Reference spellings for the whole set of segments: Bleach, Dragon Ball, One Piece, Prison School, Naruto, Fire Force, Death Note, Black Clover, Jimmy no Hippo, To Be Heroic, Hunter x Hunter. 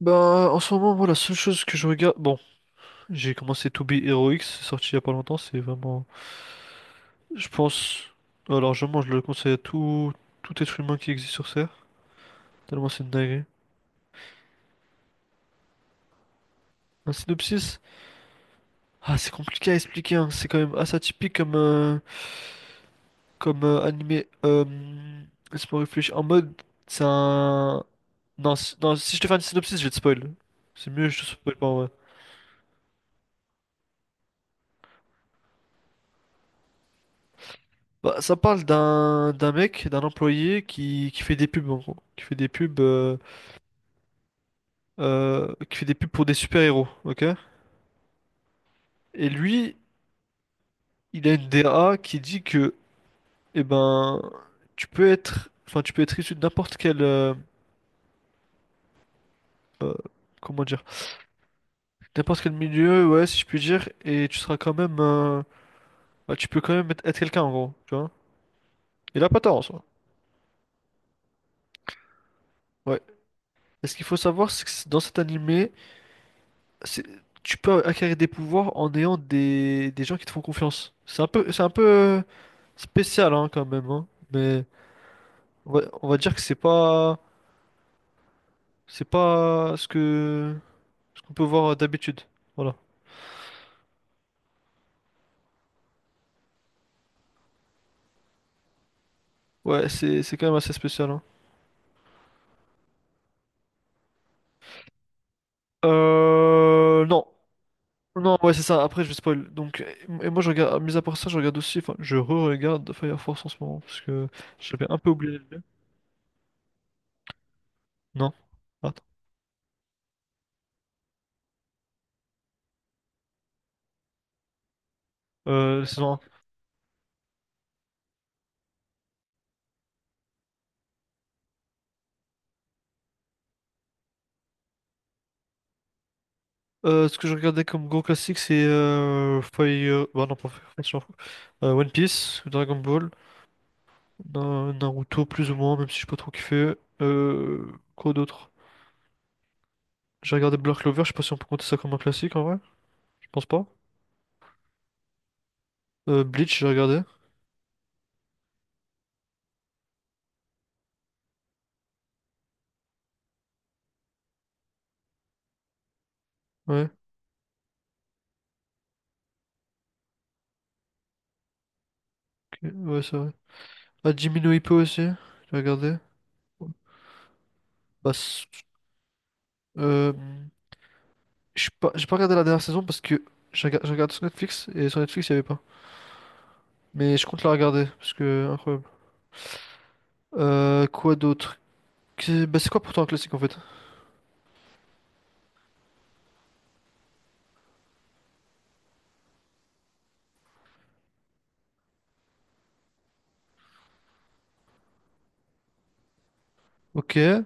Bah, en ce moment, moi, la seule chose que je regarde, bon, j'ai commencé To Be Heroic, c'est sorti il y a pas longtemps, c'est vraiment, je pense, alors je le conseille à tout être humain qui existe sur Terre, tellement c'est une dinguerie. Un synopsis? Ah, c'est compliqué à expliquer, hein. C'est quand même assez atypique comme animé, laisse-moi réfléchir, en mode, c'est un, non, non, si je te fais un synopsis, je vais te spoil. C'est mieux, je te spoil pas en vrai. Bah, ça parle d'un mec, d'un employé qui fait des pubs en gros. Qui fait des pubs pour des super-héros, ok? Et lui, il a une DA qui dit que, eh ben, enfin, tu peux être issu de euh, comment dire, n'importe quel milieu, ouais, si je puis dire, et tu seras quand même, bah, tu peux quand même être quelqu'un en gros, tu vois? Il a pas tort en soi. Ouais. Et ce qu'il faut savoir, c'est que dans cet animé, c'est, tu peux acquérir des pouvoirs en ayant des gens qui te font confiance. C'est un peu spécial, hein, quand même, hein, mais on va dire que c'est pas C'est pas ce que ce qu'on peut voir d'habitude. Voilà. Ouais, c'est quand même assez spécial, hein. Non. Non, ouais, c'est ça. Après, je vais spoil. Donc, et moi, je regarde, mis à part ça, je regarde aussi, enfin, je re-regarde Fire Force en ce moment, parce que j'avais un peu oublié de le. Non. Attends. Saison 1. Ce que je regardais comme gros classique, c'est Fire... Bah non, pas Fire Force, je m'en fous. One Piece, Dragon Ball, Naruto, plus ou moins, même si je pas trop kiffé. Quoi d'autre? J'ai regardé Black Clover, je sais pas si on peut compter ça comme un classique en vrai. Je pense pas. Bleach, j'ai regardé. Ouais, ok, ouais, c'est vrai. Ah, Jimmy no Hippo aussi, j'ai regardé. Bah, euh, je suis pas, j'ai pas regardé la dernière saison parce que je regarde sur Netflix et sur Netflix il y avait pas. Mais je compte la regarder parce que incroyable. Quoi d'autre? Bah, c'est quoi pourtant un classique en fait? Ok. Et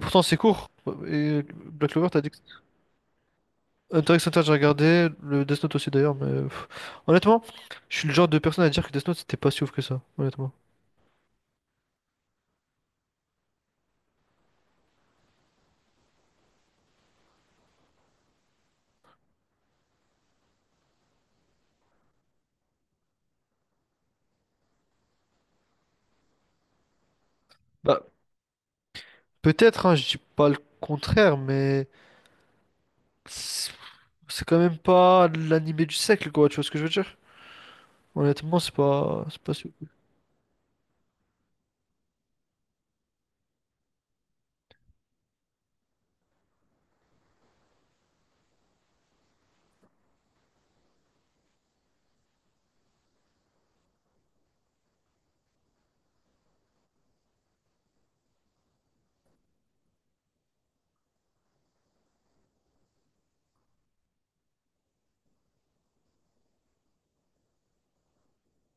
pourtant c'est court. Et Black Clover, t'as dit. Hunter x Hunter, j'ai regardé, le Death Note aussi d'ailleurs, mais pff, honnêtement, je suis le genre de personne à dire que Death Note c'était pas si ouf que ça, honnêtement. Bah, peut-être, hein, je dis pas le contraire, mais c'est c'est quand même pas l'animé du siècle, quoi, tu vois ce que je veux dire? Honnêtement, c'est pas si ouf.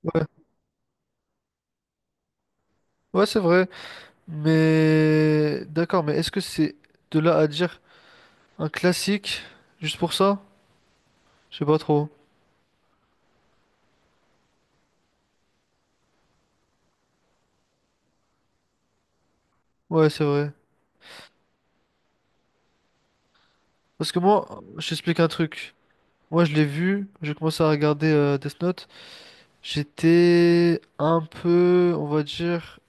Ouais, ouais, c'est vrai, mais d'accord, mais est-ce que c'est de là à dire un classique juste pour ça? Je sais pas trop. Ouais, c'est vrai. Parce que moi, je t'explique un truc. Moi, je l'ai vu, j'ai commencé à regarder Death Note. J'étais un peu, on va dire,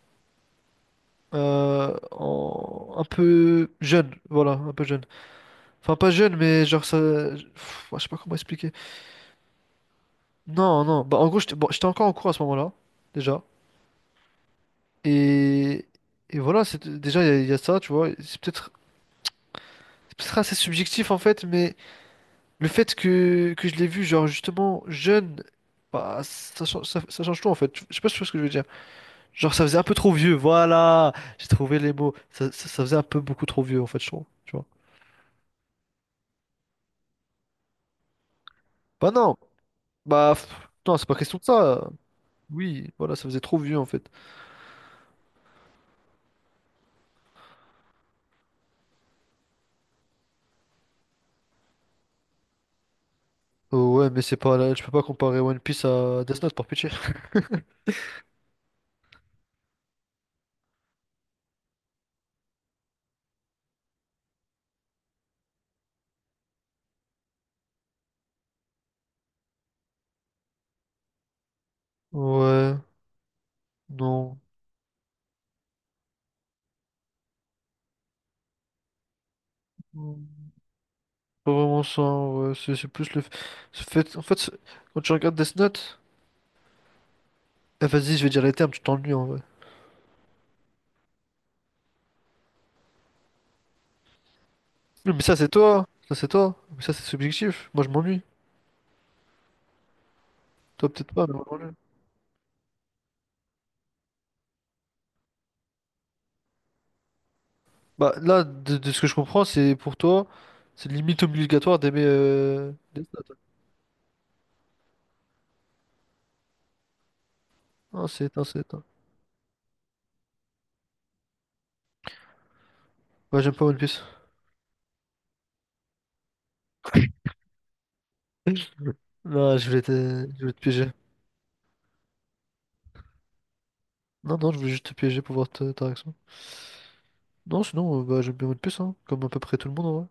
un peu jeune, voilà, un peu jeune. Enfin, pas jeune, mais genre ça, pff, ouais, je sais pas comment expliquer. Non, non, bah en gros, j'étais bon, j'étais encore en cours à ce moment-là, déjà. Et, et voilà, c'est déjà, il y a ça, tu vois. C'est peut-être assez subjectif, en fait, mais le fait que je l'ai vu, genre, justement, jeune, bah, ça change tout, en fait. Je sais pas si tu vois ce que je veux dire. Genre, ça faisait un peu trop vieux, voilà. J'ai trouvé les mots. Ça faisait un peu beaucoup trop vieux, en fait, je trouve. Tu vois. Bah non, bah pff, non, c'est pas question de ça. Oui, voilà, ça faisait trop vieux, en fait. Oh, ouais, mais c'est pas là, tu peux pas comparer One Piece à Death Note, par pitié. Ouais, non. Hmm, Pas vraiment ça, ouais. C'est plus le c'est fait. En fait, quand tu regardes Death Note, eh, vas-y, je vais dire les termes, tu t'ennuies, en vrai. Oui, mais ça, c'est toi, ça, c'est toi. Mais ça, c'est subjectif. Moi, je m'ennuie. Toi, peut-être pas, mais moi, je m'ennuie. Bah là, de ce que je comprends, c'est pour toi, c'est limite obligatoire d'aimer Death Note. Non, c'est éteint, c'est éteint. Ouais, j'aime pas One Piece. Non, je voulais te piéger. Non, non, je voulais juste te piéger pour voir ta réaction. Non, sinon, bah, j'aime bien One Piece, hein, comme à peu près tout le monde, en vrai.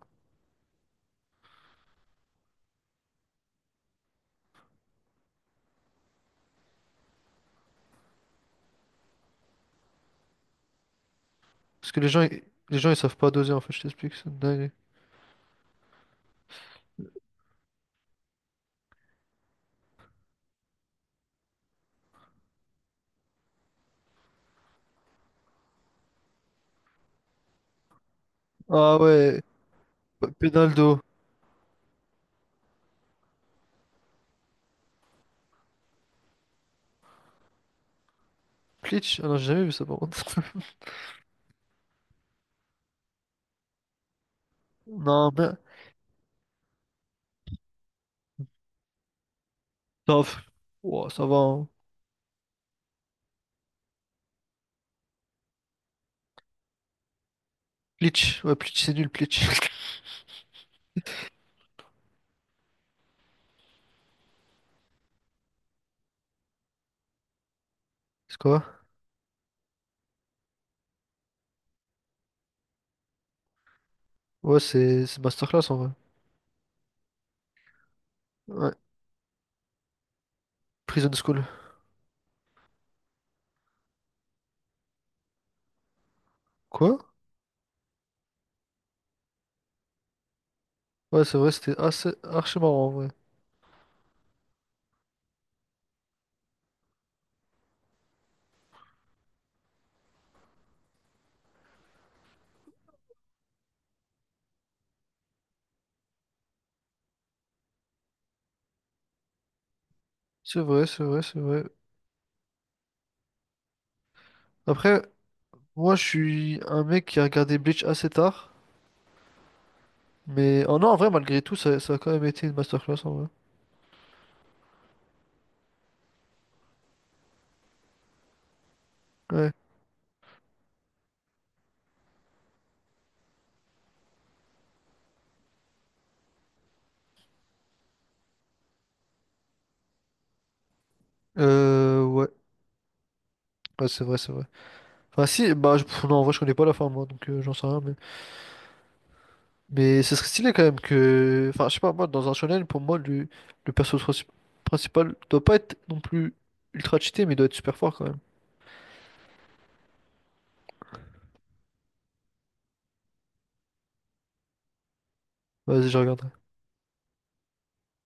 Parce que les gens, ils savent pas doser, en fait, je t'explique, c'est une dinguerie. Ah ouais, Penaldo. Bleach? Ah non, j'ai jamais vu ça, par contre. Non, mais... Non, pff, ouah, ça va, hein. Bleach, ouais, Bleach, c'est nul, Bleach. C'est quoi? Ouais, c'est masterclass, en vrai. Ouais, Prison School. Quoi? Ouais, c'est vrai, c'était assez archi marrant en vrai. C'est vrai, c'est vrai, c'est vrai. Après, moi, je suis un mec qui a regardé Bleach assez tard. Mais oh non, en vrai, malgré tout, ça a quand même été une masterclass en vrai. Ouais. Ouais. Ouais, c'est vrai, c'est vrai. Enfin, si, bah, pff, non, en vrai, je connais pas la fin, moi, donc j'en sais rien, mais. Mais ce serait stylé quand même que. Enfin, je sais pas, moi, dans un shonen, pour moi, le perso principal doit pas être non plus ultra cheaté, mais doit être super fort quand même. Vas-y, je regarde.